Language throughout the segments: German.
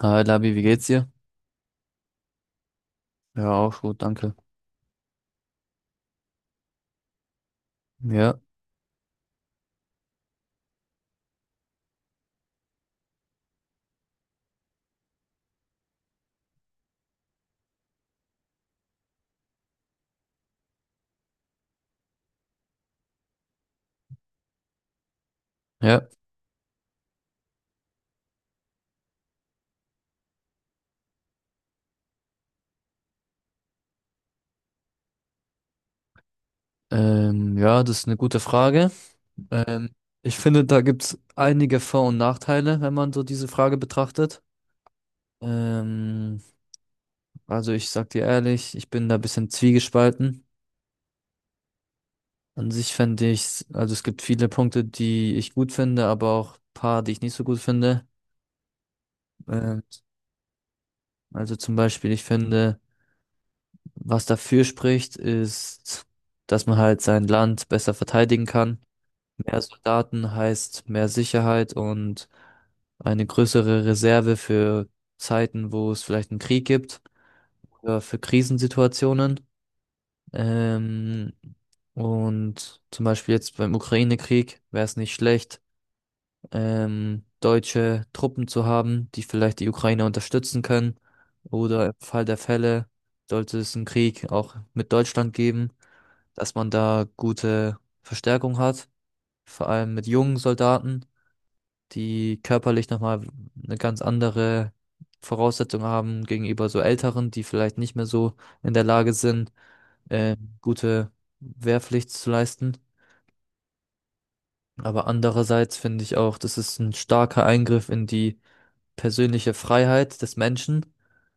Hi Labi, wie geht's dir? Ja, auch gut, danke. Ja, ja. Ja, das ist eine gute Frage. Ähm, Ich finde, da gibt's einige Vor- und Nachteile, wenn man so diese Frage betrachtet. Ähm, also ich sag dir ehrlich, ich bin da ein bisschen zwiegespalten. An sich fände ich, also es gibt viele Punkte, die ich gut finde, aber auch paar, die ich nicht so gut finde. Ähm, also zum Beispiel, ich finde, was dafür spricht, ist, dass man halt sein Land besser verteidigen kann. Mehr Soldaten heißt mehr Sicherheit und eine größere Reserve für Zeiten, wo es vielleicht einen Krieg gibt oder für Krisensituationen. Ähm, und zum Beispiel jetzt beim Ukraine-Krieg wäre es nicht schlecht, deutsche Truppen zu haben, die vielleicht die Ukraine unterstützen können. Oder im Fall der Fälle, sollte es einen Krieg auch mit Deutschland geben, dass man da gute Verstärkung hat, vor allem mit jungen Soldaten, die körperlich nochmal eine ganz andere Voraussetzung haben gegenüber so Älteren, die vielleicht nicht mehr so in der Lage sind, äh, gute Wehrpflicht zu leisten. Aber andererseits finde ich auch, das ist ein starker Eingriff in die persönliche Freiheit des Menschen,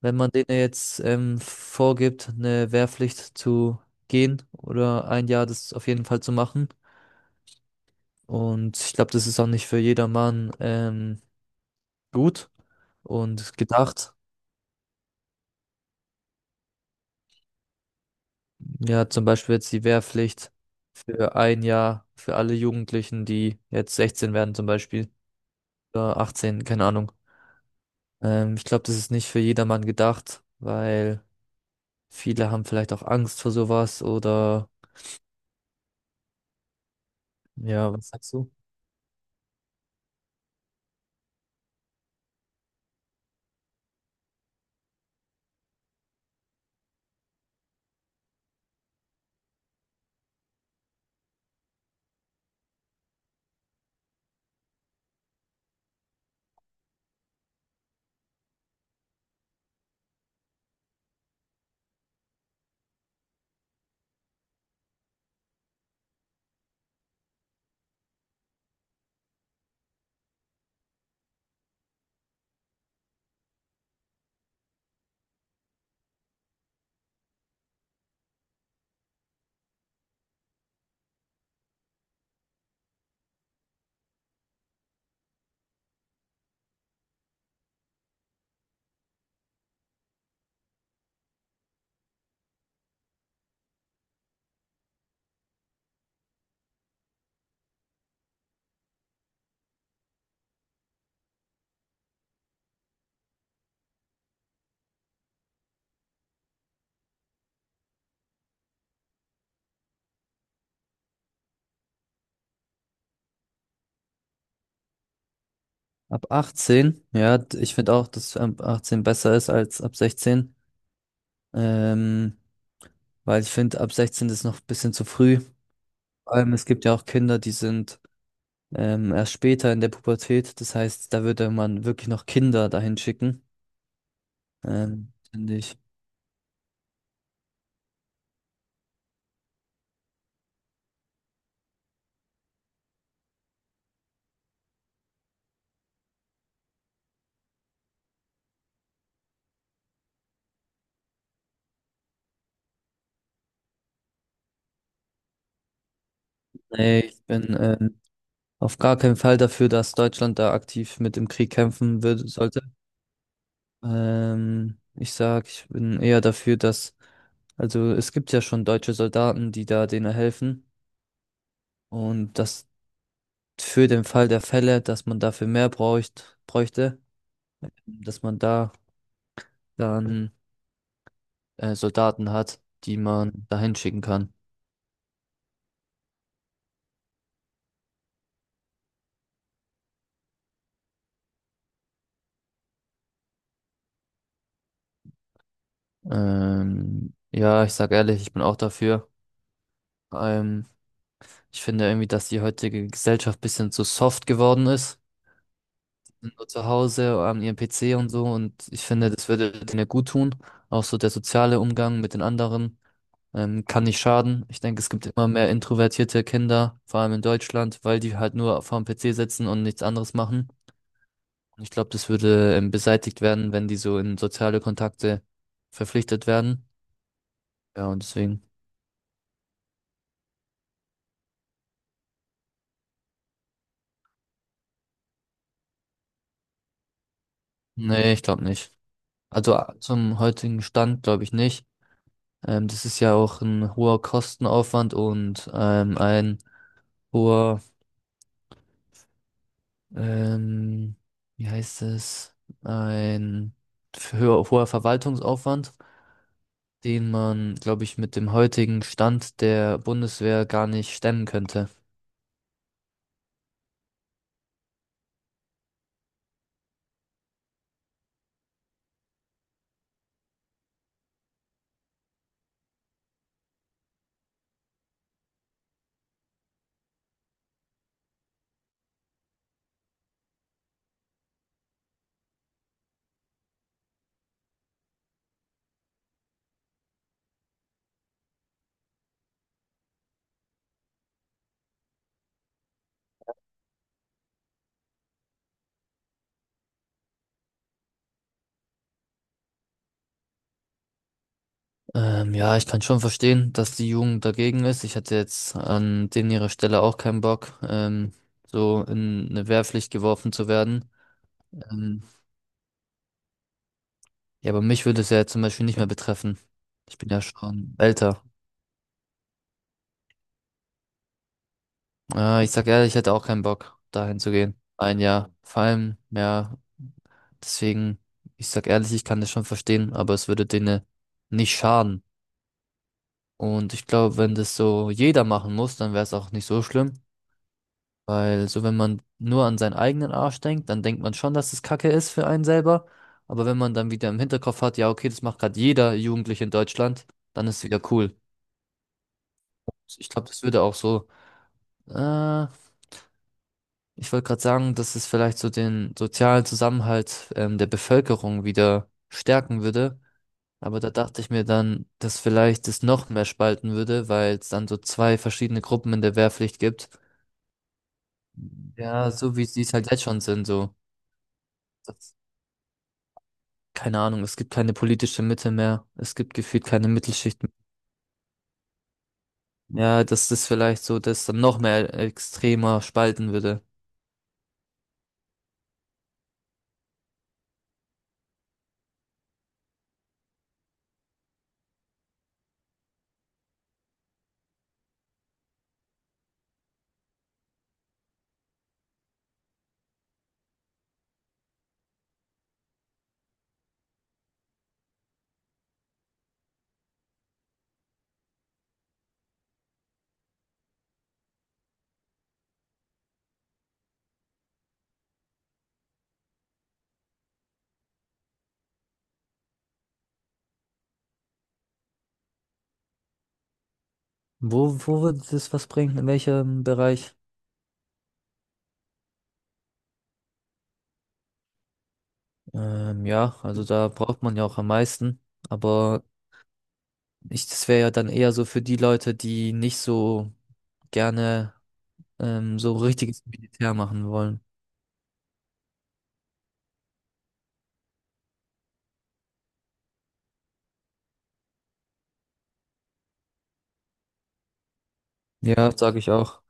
wenn man denen jetzt vorgibt, eine Wehrpflicht zu gehen oder ein Jahr das auf jeden Fall zu machen. Und ich glaube, das ist auch nicht für jedermann gut und gedacht. Ja, zum Beispiel jetzt die Wehrpflicht für ein Jahr für alle Jugendlichen, die jetzt 16 werden zum Beispiel, oder 18, keine Ahnung. Ich glaube, das ist nicht für jedermann gedacht, weil viele haben vielleicht auch Angst vor sowas oder ja, was sagst du? Ab 18, ja, ich finde auch, dass ab 18 besser ist als ab 16, ähm, weil ich finde, ab 16 ist noch ein bisschen zu früh. Vor allem, es gibt ja auch Kinder, die sind erst später in der Pubertät. Das heißt, da würde man wirklich noch Kinder dahin schicken. Finde ich. Nee, ich bin auf gar keinen Fall dafür, dass Deutschland da aktiv mit im Krieg kämpfen würde, sollte. Ich sag, ich bin eher dafür, dass, also es gibt ja schon deutsche Soldaten, die da denen helfen. Und das für den Fall der Fälle, dass man dafür mehr bräuchte, dass man da dann Soldaten hat, die man dahin schicken kann. Ja, ich sag ehrlich, ich bin auch dafür. Ähm, Ich finde irgendwie, dass die heutige Gesellschaft ein bisschen zu soft geworden ist. Sind nur zu Hause an ihrem PC und so. Und ich finde, das würde denen gut tun. Auch so der soziale Umgang mit den anderen kann nicht schaden. Ich denke, es gibt immer mehr introvertierte Kinder, vor allem in Deutschland, weil die halt nur vor dem PC sitzen und nichts anderes machen. Und ich glaube, das würde beseitigt werden, wenn die so in soziale Kontakte verpflichtet werden. Ja, und deswegen. Nee, ich glaube nicht. Also zum heutigen Stand glaube ich nicht. Das ist ja auch ein hoher Kostenaufwand und ein hoher, ähm, wie heißt es, ein höher, hoher Verwaltungsaufwand, den man, glaube ich, mit dem heutigen Stand der Bundeswehr gar nicht stemmen könnte. Ja, ich kann schon verstehen, dass die Jugend dagegen ist. Ich hätte jetzt an denen ihrer Stelle auch keinen Bock, so in eine Wehrpflicht geworfen zu werden. Ähm, Ja, aber mich würde es ja zum Beispiel nicht mehr betreffen. Ich bin ja schon älter. Ich sag ehrlich, ich hätte auch keinen Bock, dahin zu gehen. Ein Jahr. Vor allem, ja, deswegen, ich sag ehrlich, ich kann das schon verstehen, aber es würde denen nicht schaden. Und ich glaube, wenn das so jeder machen muss, dann wäre es auch nicht so schlimm. Weil so, wenn man nur an seinen eigenen Arsch denkt, dann denkt man schon, dass es Kacke ist für einen selber. Aber wenn man dann wieder im Hinterkopf hat, ja, okay, das macht gerade jeder Jugendliche in Deutschland, dann ist es wieder cool. Ich glaube, das würde auch so. Äh, ich wollte gerade sagen, dass es vielleicht so den sozialen Zusammenhalt der Bevölkerung wieder stärken würde. Aber da dachte ich mir dann, dass vielleicht es noch mehr spalten würde, weil es dann so zwei verschiedene Gruppen in der Wehrpflicht gibt. Ja, so wie sie es halt jetzt schon sind, so. Das, keine Ahnung, es gibt keine politische Mitte mehr. Es gibt gefühlt keine Mittelschicht mehr. Ja, dass das vielleicht so, dass dann noch mehr extremer spalten würde. Wo, wo würde das was bringen? In welchem Bereich? Ja, also da braucht man ja auch am meisten. Aber ich, das wäre ja dann eher so für die Leute, die nicht so gerne so richtiges Militär machen wollen. Ja, sage ich auch.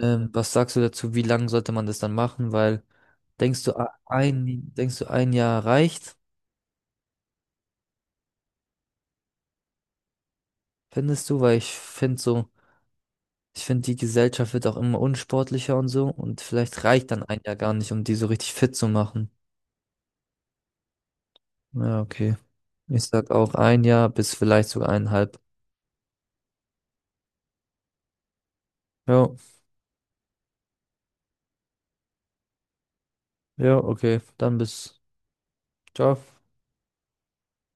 Was sagst du dazu, wie lang sollte man das dann machen? Weil denkst du denkst du ein Jahr reicht, findest du? Weil ich finde so, ich finde die Gesellschaft wird auch immer unsportlicher und so und vielleicht reicht dann ein Jahr gar nicht, um die so richtig fit zu machen. Ja, okay. Ich sag auch ein Jahr bis vielleicht sogar eineinhalb. Ja, ja, okay. Dann bis. Ciao.